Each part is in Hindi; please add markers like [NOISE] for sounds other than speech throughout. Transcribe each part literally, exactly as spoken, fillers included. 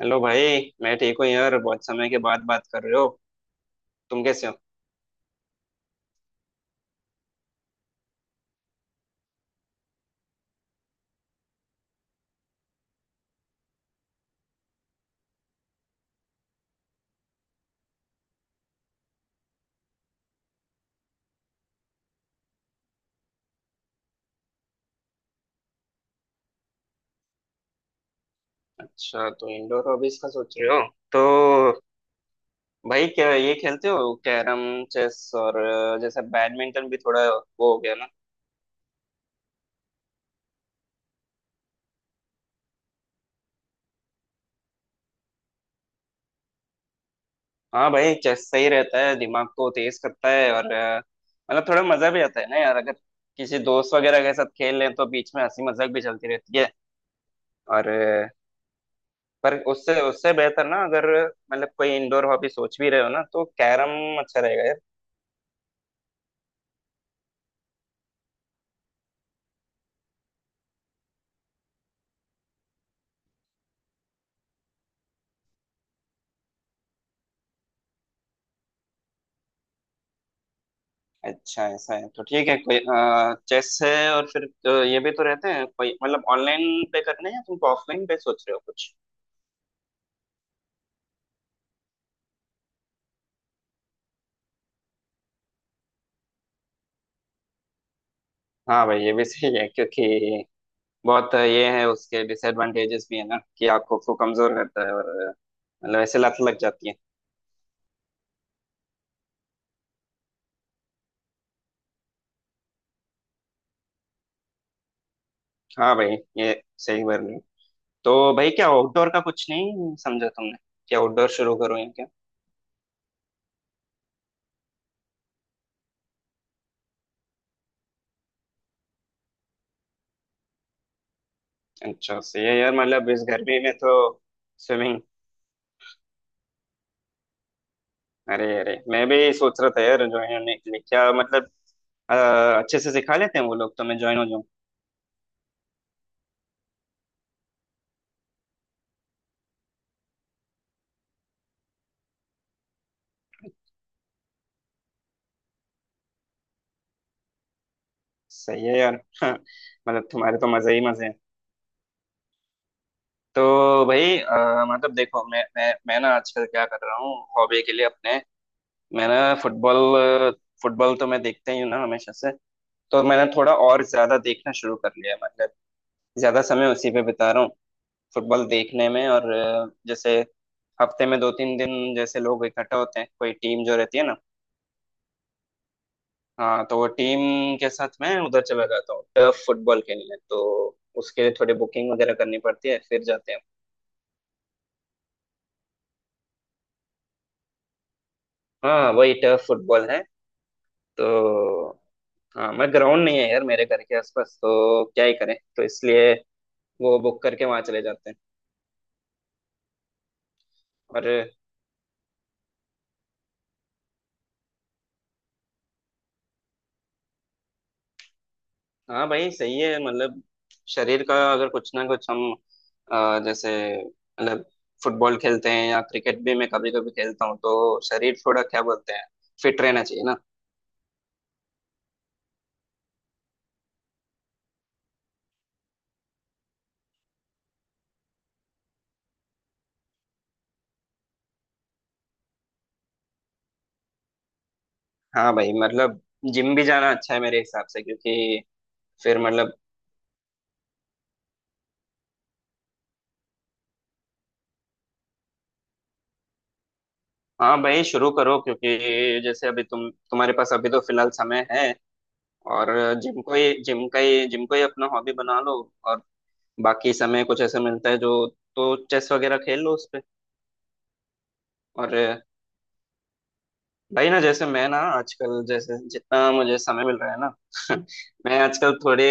हेलो भाई। मैं ठीक हूँ यार, बहुत समय के बाद बात कर रहे हो। तुम कैसे हो? अच्छा, तो इंडोर हॉबीज का सोच रहे हो। तो भाई, क्या ये खेलते हो, कैरम, चेस और अ, जैसे बैडमिंटन भी थोड़ा वो हो गया ना। हाँ भाई, चेस सही रहता है, दिमाग को तेज करता है। और अ, मतलब थोड़ा मजा भी आता है ना यार, अगर किसी दोस्त वगैरह के साथ खेल लें तो बीच में हंसी मजाक भी चलती रहती है। और अ, पर उससे उससे बेहतर ना, अगर मतलब कोई इंडोर हॉबी सोच भी रहे हो ना, तो कैरम अच्छा रहेगा यार। अच्छा, ऐसा है तो ठीक है। कोई चेस है, और फिर अ, ये भी तो रहते हैं, कोई मतलब ऑनलाइन पे करने हैं, तुम ऑफलाइन पे सोच रहे हो कुछ? हाँ भाई, ये भी सही है, क्योंकि बहुत ये है, उसके डिसएडवांटेजेस भी है ना कि आपको को कमजोर करता है। और अ, मतलब ऐसे लत लग जाती है। हाँ भाई, ये सही बोल रहे हो। तो भाई, क्या आउटडोर का कुछ नहीं समझा तुमने? क्या आउटडोर शुरू करो या क्या? अच्छा, सही है यार, मतलब इस गर्मी में तो स्विमिंग। अरे अरे, मैं भी सोच रहा था यार ज्वाइन होने के लिए। क्या मतलब, अ, अच्छे से सिखा लेते हैं वो लोग, तो मैं ज्वाइन हो जाऊँ। सही है यार। [LAUGHS] मतलब तुम्हारे तो मजे ही मजे हैं। तो भाई अ, मतलब देखो, मैं मैं मैं ना आजकल क्या कर रहा हूँ हॉबी के लिए अपने। मैं ना फुटबॉल, फुटबॉल तो मैं देखता ही हूँ ना हमेशा से, तो मैंने थोड़ा और ज्यादा देखना शुरू कर लिया है। मतलब ज्यादा समय उसी पे बिता रहा हूँ, फुटबॉल देखने में। और अ, जैसे हफ्ते में दो तीन दिन जैसे लोग इकट्ठा होते हैं, कोई टीम जो रहती है ना। हाँ, तो वो टीम के साथ मैं उधर चला जाता हूँ टर्फ फुटबॉल खेलने, तो उसके लिए थोड़ी बुकिंग वगैरह करनी पड़ती है, फिर जाते हैं। हाँ, वही टर्फ फुटबॉल है। तो हाँ, मैं ग्राउंड नहीं है यार मेरे घर के आसपास, तो क्या ही करें, तो इसलिए वो बुक करके वहां चले जाते हैं। और हाँ भाई, सही है मतलब, शरीर का अगर कुछ ना कुछ हम, अ, जैसे मतलब फुटबॉल खेलते हैं, या क्रिकेट भी मैं कभी कभी खेलता हूँ, तो शरीर थोड़ा क्या बोलते हैं, फिट रहना चाहिए ना। हाँ भाई मतलब, जिम भी जाना अच्छा है मेरे हिसाब से, क्योंकि फिर मतलब, हाँ भाई शुरू करो, क्योंकि जैसे अभी तुम तुम्हारे पास अभी तो फिलहाल समय है। और जिम को ही जिम का ही जिम को ही अपना हॉबी बना लो। और बाकी समय कुछ ऐसा मिलता है जो, तो चेस वगैरह खेल लो उस पे। और भाई ना, जैसे मैं ना आजकल, जैसे जितना मुझे समय मिल रहा है ना, [LAUGHS] मैं आजकल थोड़े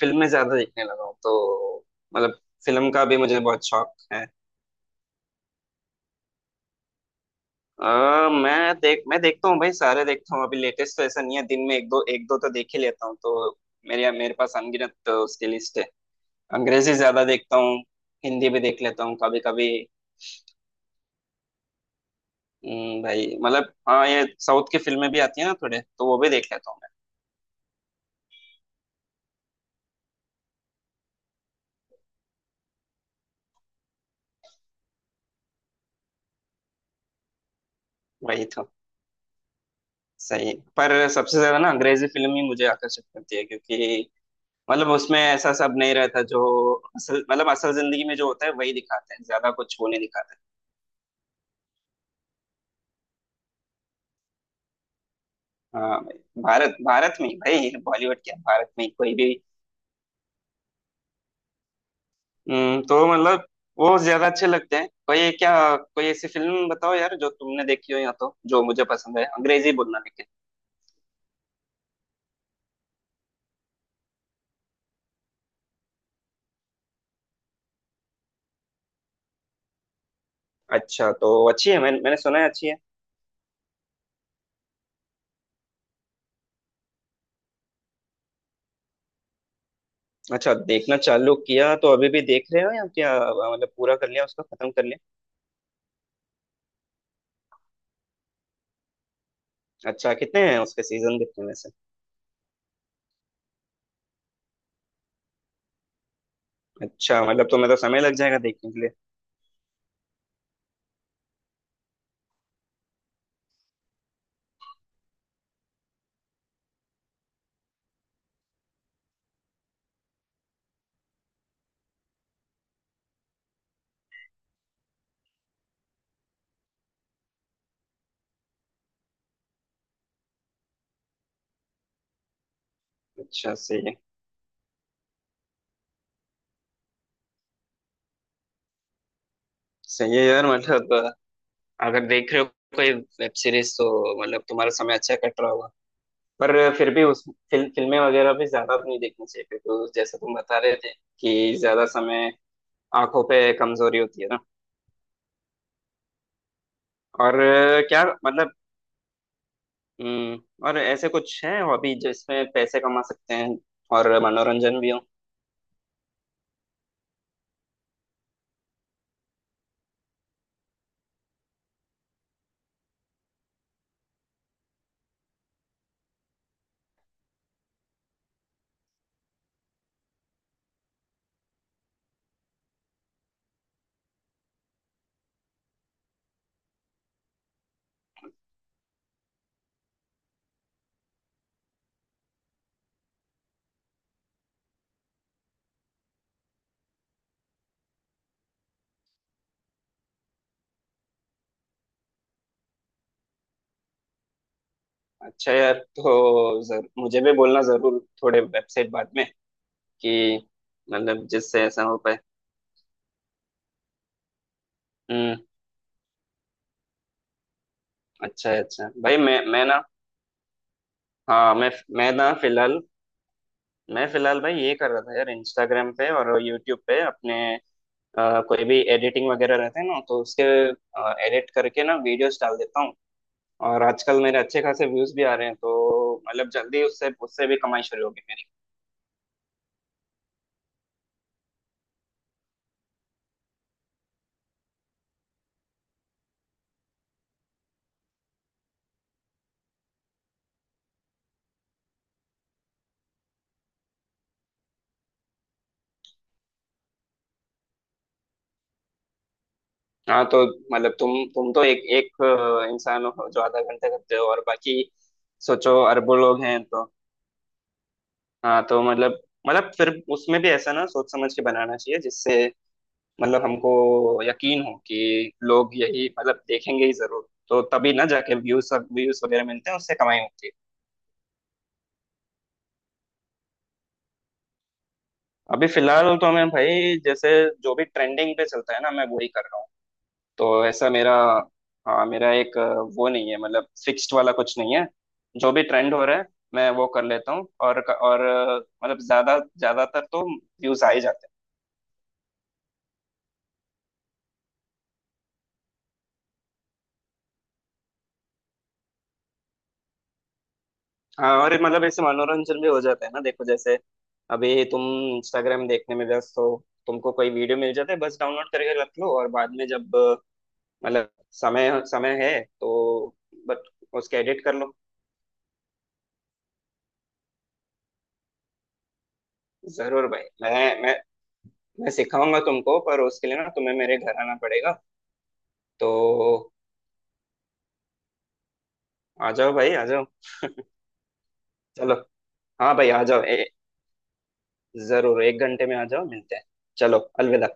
फिल्में ज्यादा देखने लगा हूँ, तो मतलब फिल्म का भी मुझे बहुत शौक है। आ, मैं देख मैं देखता हूँ भाई, सारे देखता हूँ। अभी लेटेस्ट तो ऐसा नहीं है, दिन में एक दो एक दो तो देख ही लेता हूँ, तो मेरे मेरे पास अनगिनत तो उसकी लिस्ट है। अंग्रेजी ज्यादा देखता हूँ, हिंदी भी देख लेता हूँ कभी कभी। हम्म, भाई मतलब हाँ, ये साउथ की फिल्में भी आती है ना थोड़े, तो वो भी देख लेता हूँ मैं। वही तो। सही है। पर सबसे ज्यादा ना अंग्रेजी फिल्म ही मुझे आकर्षित करती है, क्योंकि मतलब उसमें ऐसा सब नहीं रहता जो, असल मतलब असल जिंदगी में जो होता है वही दिखाते हैं, ज्यादा कुछ वो नहीं दिखाते। हाँ भाई, भारत भारत में ही भाई, बॉलीवुड क्या, भारत में ही कोई भी। हम्म, तो मतलब वो ज्यादा अच्छे लगते हैं। कोई क्या, कोई ऐसी फिल्म बताओ यार जो तुमने देखी हो, या तो जो मुझे पसंद है, अंग्रेजी बोलना लेकिन। अच्छा तो अच्छी है, मैंने मैंने सुना है अच्छी है। अच्छा, देखना चालू किया तो अभी भी देख रहे हो या क्या मतलब, पूरा कर लिया, उसको खत्म कर लिया? अच्छा, कितने हैं उसके सीजन देखने में से? अच्छा मतलब तुम्हें तो समय लग जाएगा देखने के लिए। अच्छा, सही है। सही है यार मतलब, अगर देख रहे हो कोई वेब सीरीज तो, मतलब तुम्हारा समय अच्छा कट रहा होगा। पर फिर भी उस, फिल, फिल्में वगैरह भी ज्यादा तो नहीं देखनी चाहिए, क्योंकि उस- जैसे तुम बता रहे थे, कि ज्यादा समय आंखों पे कमजोरी होती है ना। और अ, क्या मतलब। हम्म, और ऐसे कुछ है हॉबी जिसमें पैसे कमा सकते हैं और मनोरंजन भी हो? अच्छा यार, तो जर, मुझे भी बोलना जरूर थोड़े वेबसाइट बाद में, कि मतलब जिससे ऐसा हो पाए। हम्म। अच्छा अच्छा भाई, मैं मैं ना, हाँ, मैं मैं ना फिलहाल, मैं फिलहाल भाई ये कर रहा था यार, इंस्टाग्राम पे और यूट्यूब पे अपने, अ, कोई भी एडिटिंग वगैरह रहते हैं ना, तो उसके एडिट करके ना वीडियोस डाल देता हूँ। और आजकल मेरे अच्छे खासे व्यूज भी आ रहे हैं, तो मतलब जल्दी उससे उससे भी कमाई शुरू होगी मेरी। हाँ तो मतलब तुम तुम तो एक एक, अ, इंसान हो जो आधा घंटा करते हो, और बाकी सोचो अरबों लोग हैं तो। हाँ तो मतलब मतलब फिर उसमें भी ऐसा ना सोच समझ के बनाना चाहिए, जिससे मतलब हमको यकीन हो कि लोग यही मतलब देखेंगे ही जरूर, तो तभी ना जाके व्यूज व्यूज वगैरह मिलते हैं, उससे कमाई होती है। अभी फिलहाल तो मैं भाई, जैसे जो भी ट्रेंडिंग पे चलता है ना, मैं वही कर रहा हूँ। तो ऐसा मेरा, हाँ मेरा एक, अ, वो नहीं है मतलब, फिक्स्ड वाला कुछ नहीं है, जो भी ट्रेंड हो रहा है मैं वो कर लेता हूँ। और और अ, मतलब ज्यादा ज्यादातर तो व्यूज आ ही जाते हैं। हाँ और ये मतलब ऐसे मनोरंजन भी हो जाता है ना। देखो जैसे अभी तुम इंस्टाग्राम देखने में व्यस्त हो, तुमको कोई वीडियो मिल जाता है, बस डाउनलोड करके रख लो, और बाद में जब अ, मतलब समय समय है तो, बट उसके एडिट कर लो। जरूर भाई, मैं मैं मैं सिखाऊंगा तुमको, पर उसके लिए ना तुम्हें मेरे घर आना पड़ेगा। तो आ जाओ भाई, आ जाओ। चलो, हाँ भाई आ जाओ, ए, जरूर एक घंटे में आ जाओ, मिलते हैं। चलो, अलविदा।